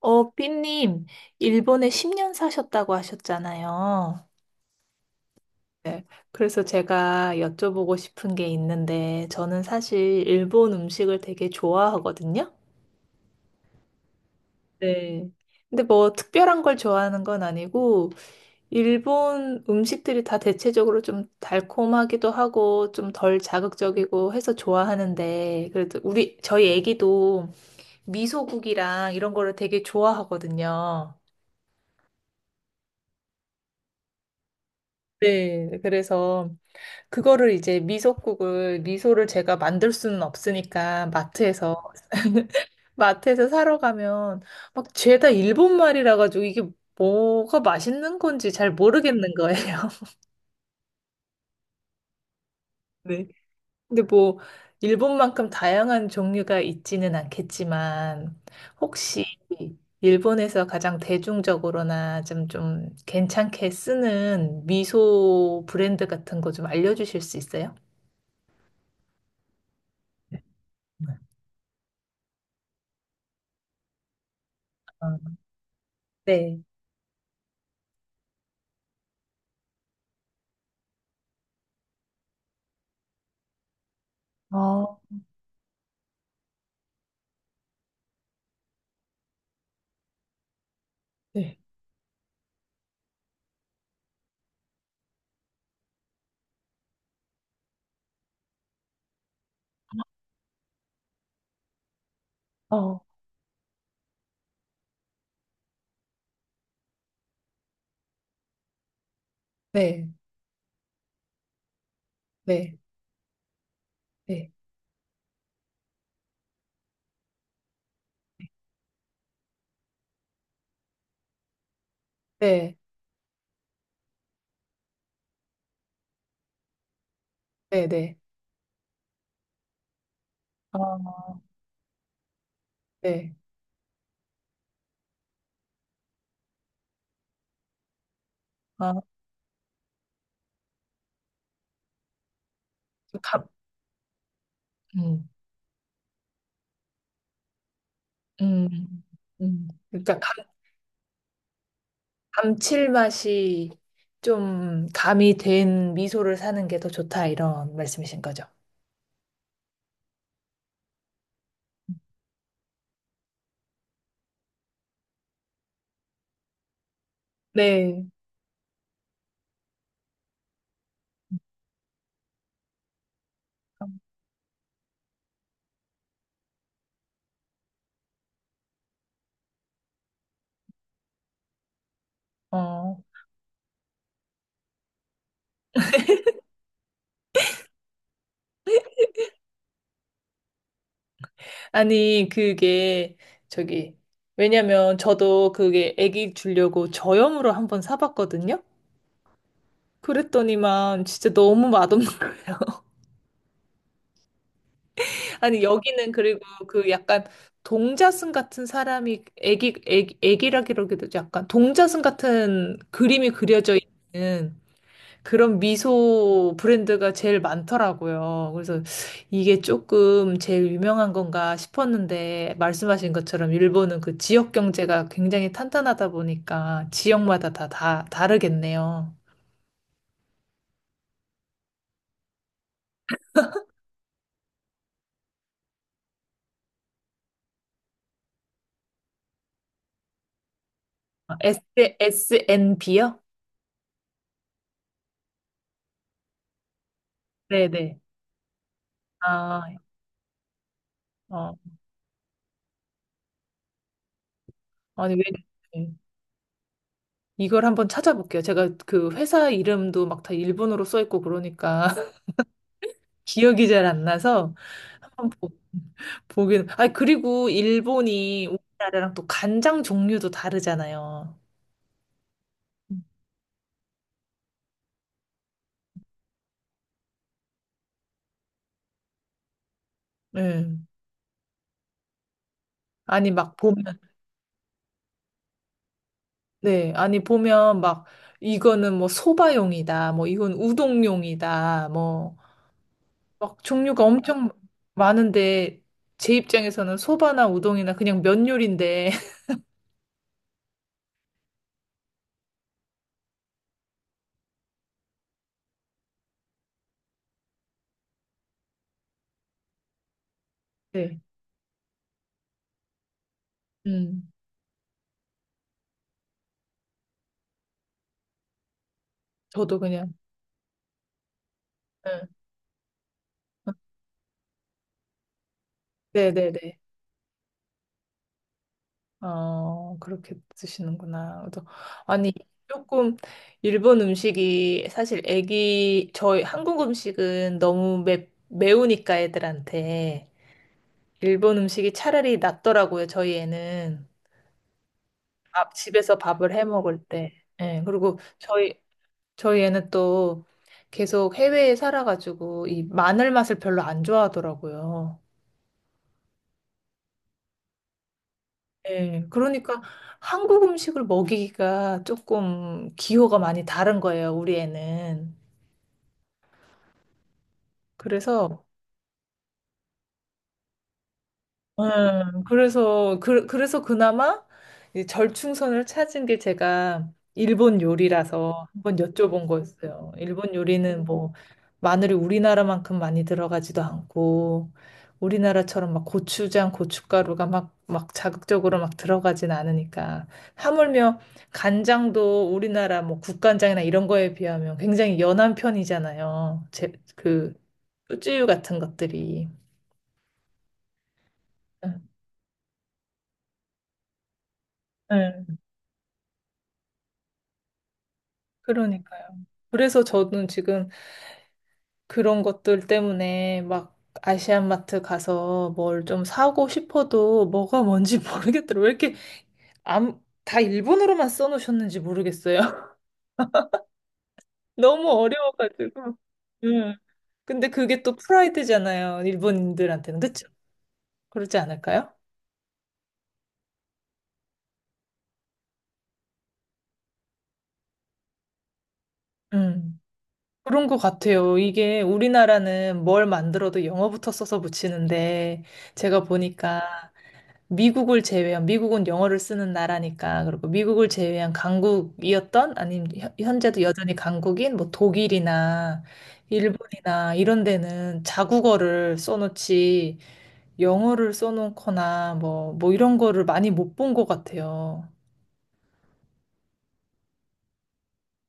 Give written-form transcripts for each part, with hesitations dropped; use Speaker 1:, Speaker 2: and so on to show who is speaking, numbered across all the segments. Speaker 1: 삐님, 일본에 10년 사셨다고 하셨잖아요. 네. 그래서 제가 여쭤보고 싶은 게 있는데, 저는 사실 일본 음식을 되게 좋아하거든요. 네. 근데 뭐 특별한 걸 좋아하는 건 아니고, 일본 음식들이 다 대체적으로 좀 달콤하기도 하고, 좀 덜 자극적이고 해서 좋아하는데, 그래도 저희 애기도 미소국이랑 이런 거를 되게 좋아하거든요. 네. 그래서 그거를 이제 미소를 제가 만들 수는 없으니까 마트에서 사러 가면 막 죄다 일본 말이라 가지고 이게 뭐가 맛있는 건지 잘 모르겠는 거예요. 네. 근데 뭐, 일본만큼 다양한 종류가 있지는 않겠지만, 혹시 일본에서 가장 대중적으로나 좀 괜찮게 쓰는 미소 브랜드 같은 거 좀 알려주실 수 있어요? 네. 어, 네. 아, 네. 어, 네, 네, 네, 네, 네, 네. 아, 네. 아, 좀 감, 음, 음, 그러니까 감칠맛이 좀 가미 된 미소를 사는 게 더 좋다 이런 말씀이신 거죠? 네. 어. 아니, 그게 저기 왜냐면 저도 그게 애기 주려고 저염으로 한번 사봤거든요. 그랬더니만 진짜 너무 맛없는 거예요. 아니 여기는 그리고 그 약간 동자승 같은 사람이 애기라기라기도 약간 동자승 같은 그림이 그려져 있는 그런 미소 브랜드가 제일 많더라고요. 그래서 이게 조금 제일 유명한 건가 싶었는데 말씀하신 것처럼 일본은 그 지역 경제가 굉장히 탄탄하다 보니까 지역마다 다 다르겠네요. S SNB요? 네네. 아, 어. 아니 왜? 이걸 한번 찾아볼게요. 제가 그 회사 이름도 막 다 일본어로 써 있고 그러니까 기억이 잘 안 나서 한번 보긴. 아, 그리고 일본이 우리나라랑 또 간장 종류도 다르잖아요. 네. 아니 막 보면 네. 아니 보면 막 이거는 뭐 소바용이다. 뭐 이건 우동용이다. 뭐 막 종류가 엄청 많은데 제 입장에서는 소바나 우동이나 그냥 면 요리인데 네. 음. 저도 그냥 네. 네네네. 어, 그렇게 드시는구나. 그래서 아니, 네. 조금 일본 음식이 사실 저희 한국 음식은 너무 매우니까 애들한테 일본 음식이 차라리 낫더라고요, 저희 애는. 집에서 밥을 해 먹을 때. 예, 그리고 저희 애는 또 계속 해외에 살아가지고 이 마늘 맛을 별로 안 좋아하더라고요. 예, 그러니까 한국 음식을 먹이기가 조금 기호가 많이 다른 거예요, 우리 애는. 그래서 예, 그래서 그나마 이 절충선을 찾은 게 제가 일본 요리라서 한번 여쭤본 거였어요. 일본 요리는 뭐 마늘이 우리나라만큼 많이 들어가지도 않고 우리나라처럼 막 고추장, 고춧가루가 막 막 자극적으로 막 들어가진 않으니까 하물며 간장도 우리나라 뭐 국간장이나 이런 거에 비하면 굉장히 연한 편이잖아요. 그 쭈쭈유 같은 것들이. 예. 그러니까요. 그래서 저는 지금 그런 것들 때문에 막 아시안마트 가서 뭘 좀 사고 싶어도 뭐가 뭔지 모르겠더라고요. 왜 이렇게 다 일본어로만 써놓으셨는지 모르겠어요. 너무 어려워가지고. 음. 근데 그게 또 프라이드잖아요. 일본인들한테는. 그렇죠? 그렇지 않을까요? 음. 그런 것 같아요. 이게 우리나라는 뭘 만들어도 영어부터 써서 붙이는데 제가 보니까 미국을 제외한, 미국은 영어를 쓰는 나라니까, 그리고 미국을 제외한 강국이었던, 아니면 현재도 여전히 강국인, 뭐 독일이나 일본이나 이런 데는 자국어를 써놓지, 영어를 써놓거나, 뭐 이런 거를 많이 못 본 것 같아요.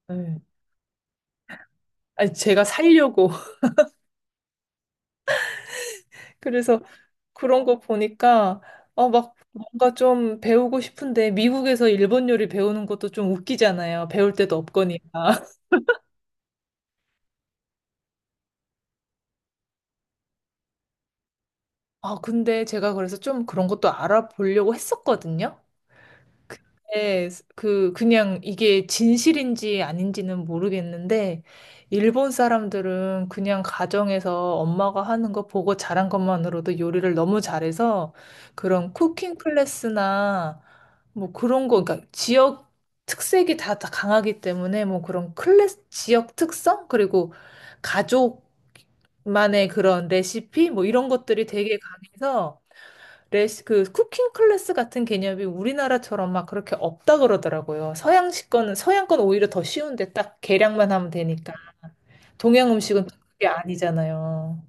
Speaker 1: 네. 아니, 제가 살려고. 그래서 그런 거 보니까, 어, 막, 뭔가 좀 배우고 싶은데, 미국에서 일본 요리 배우는 것도 좀 웃기잖아요. 배울 데도 없거니까. 아, 근데 제가 그래서 좀 그런 것도 알아보려고 했었거든요. 네, 그냥 이게 진실인지 아닌지는 모르겠는데, 일본 사람들은 그냥 가정에서 엄마가 하는 거 보고 자란 것만으로도 요리를 너무 잘해서 그런 쿠킹 클래스나 뭐 그런 거, 그러니까 지역 특색이 다 강하기 때문에 뭐 그런 클래스, 지역 특성? 그리고 가족만의 그런 레시피? 뭐 이런 것들이 되게 강해서 레시 그 쿠킹 클래스 같은 개념이 우리나라처럼 막 그렇게 없다 그러더라고요. 서양식 거는 서양 건 오히려 더 쉬운데 딱 계량만 하면 되니까 동양 음식은 또 그게 아니잖아요.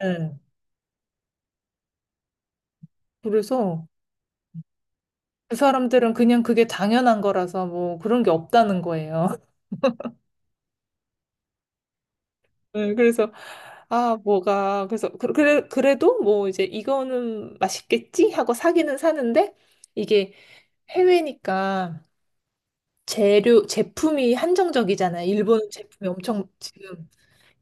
Speaker 1: 네. 그래서 그 사람들은 그냥 그게 당연한 거라서 뭐 그런 게 없다는 거예요. 네, 그래서 아 뭐가 그래서 그래도 뭐 이제 이거는 맛있겠지 하고 사기는 사는데 이게 해외니까 재료 제품이 한정적이잖아요. 일본 제품이 엄청 지금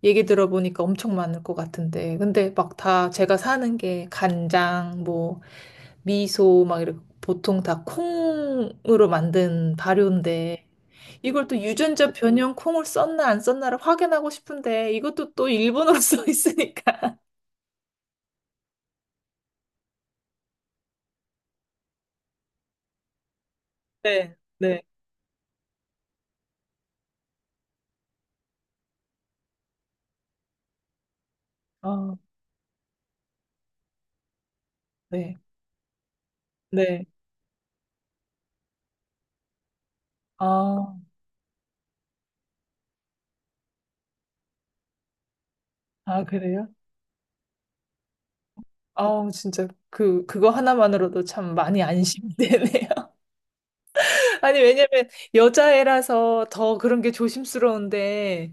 Speaker 1: 얘기 들어보니까 엄청 많을 것 같은데. 근데 막 다 제가 사는 게 간장, 뭐, 미소, 막 이렇게 보통 다 콩으로 만든 발효인데. 이걸 또 유전자 변형 콩을 썼나 안 썼나를 확인하고 싶은데 이것도 또 일본어로 써 있으니까. 네, 네. 아, 네, 네. 아, 아, 그래요? 아, 진짜 그 그거 하나만으로도 참 많이 안심되네요. 아니, 왜냐면 여자애라서 더 그런 게 조심스러운데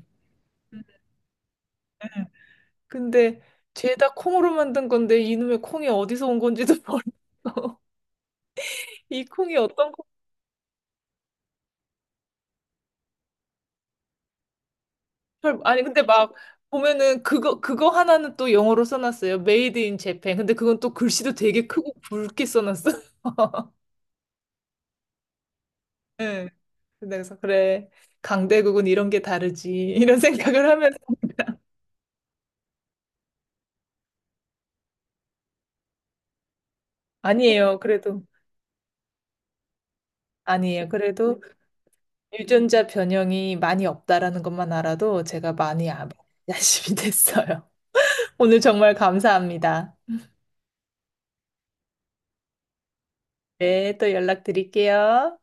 Speaker 1: 근데 죄다 콩으로 만든 건데 이놈의 콩이 어디서 온 건지도 모르겠어. 이 콩이 어떤 콩? 아니 근데 막 보면은 그거 그거 하나는 또 영어로 써놨어요. Made in Japan. 근데 그건 또 글씨도 되게 크고 굵게 써놨어. 네. 그래서 그래 강대국은 이런 게 다르지 이런 생각을 하면서 아니에요. 그래도 아니에요. 그래도 유전자 변형이 많이 없다라는 것만 알아도 제가 많이 야심이 됐어요. 오늘 정말 감사합니다. 네, 또 연락드릴게요.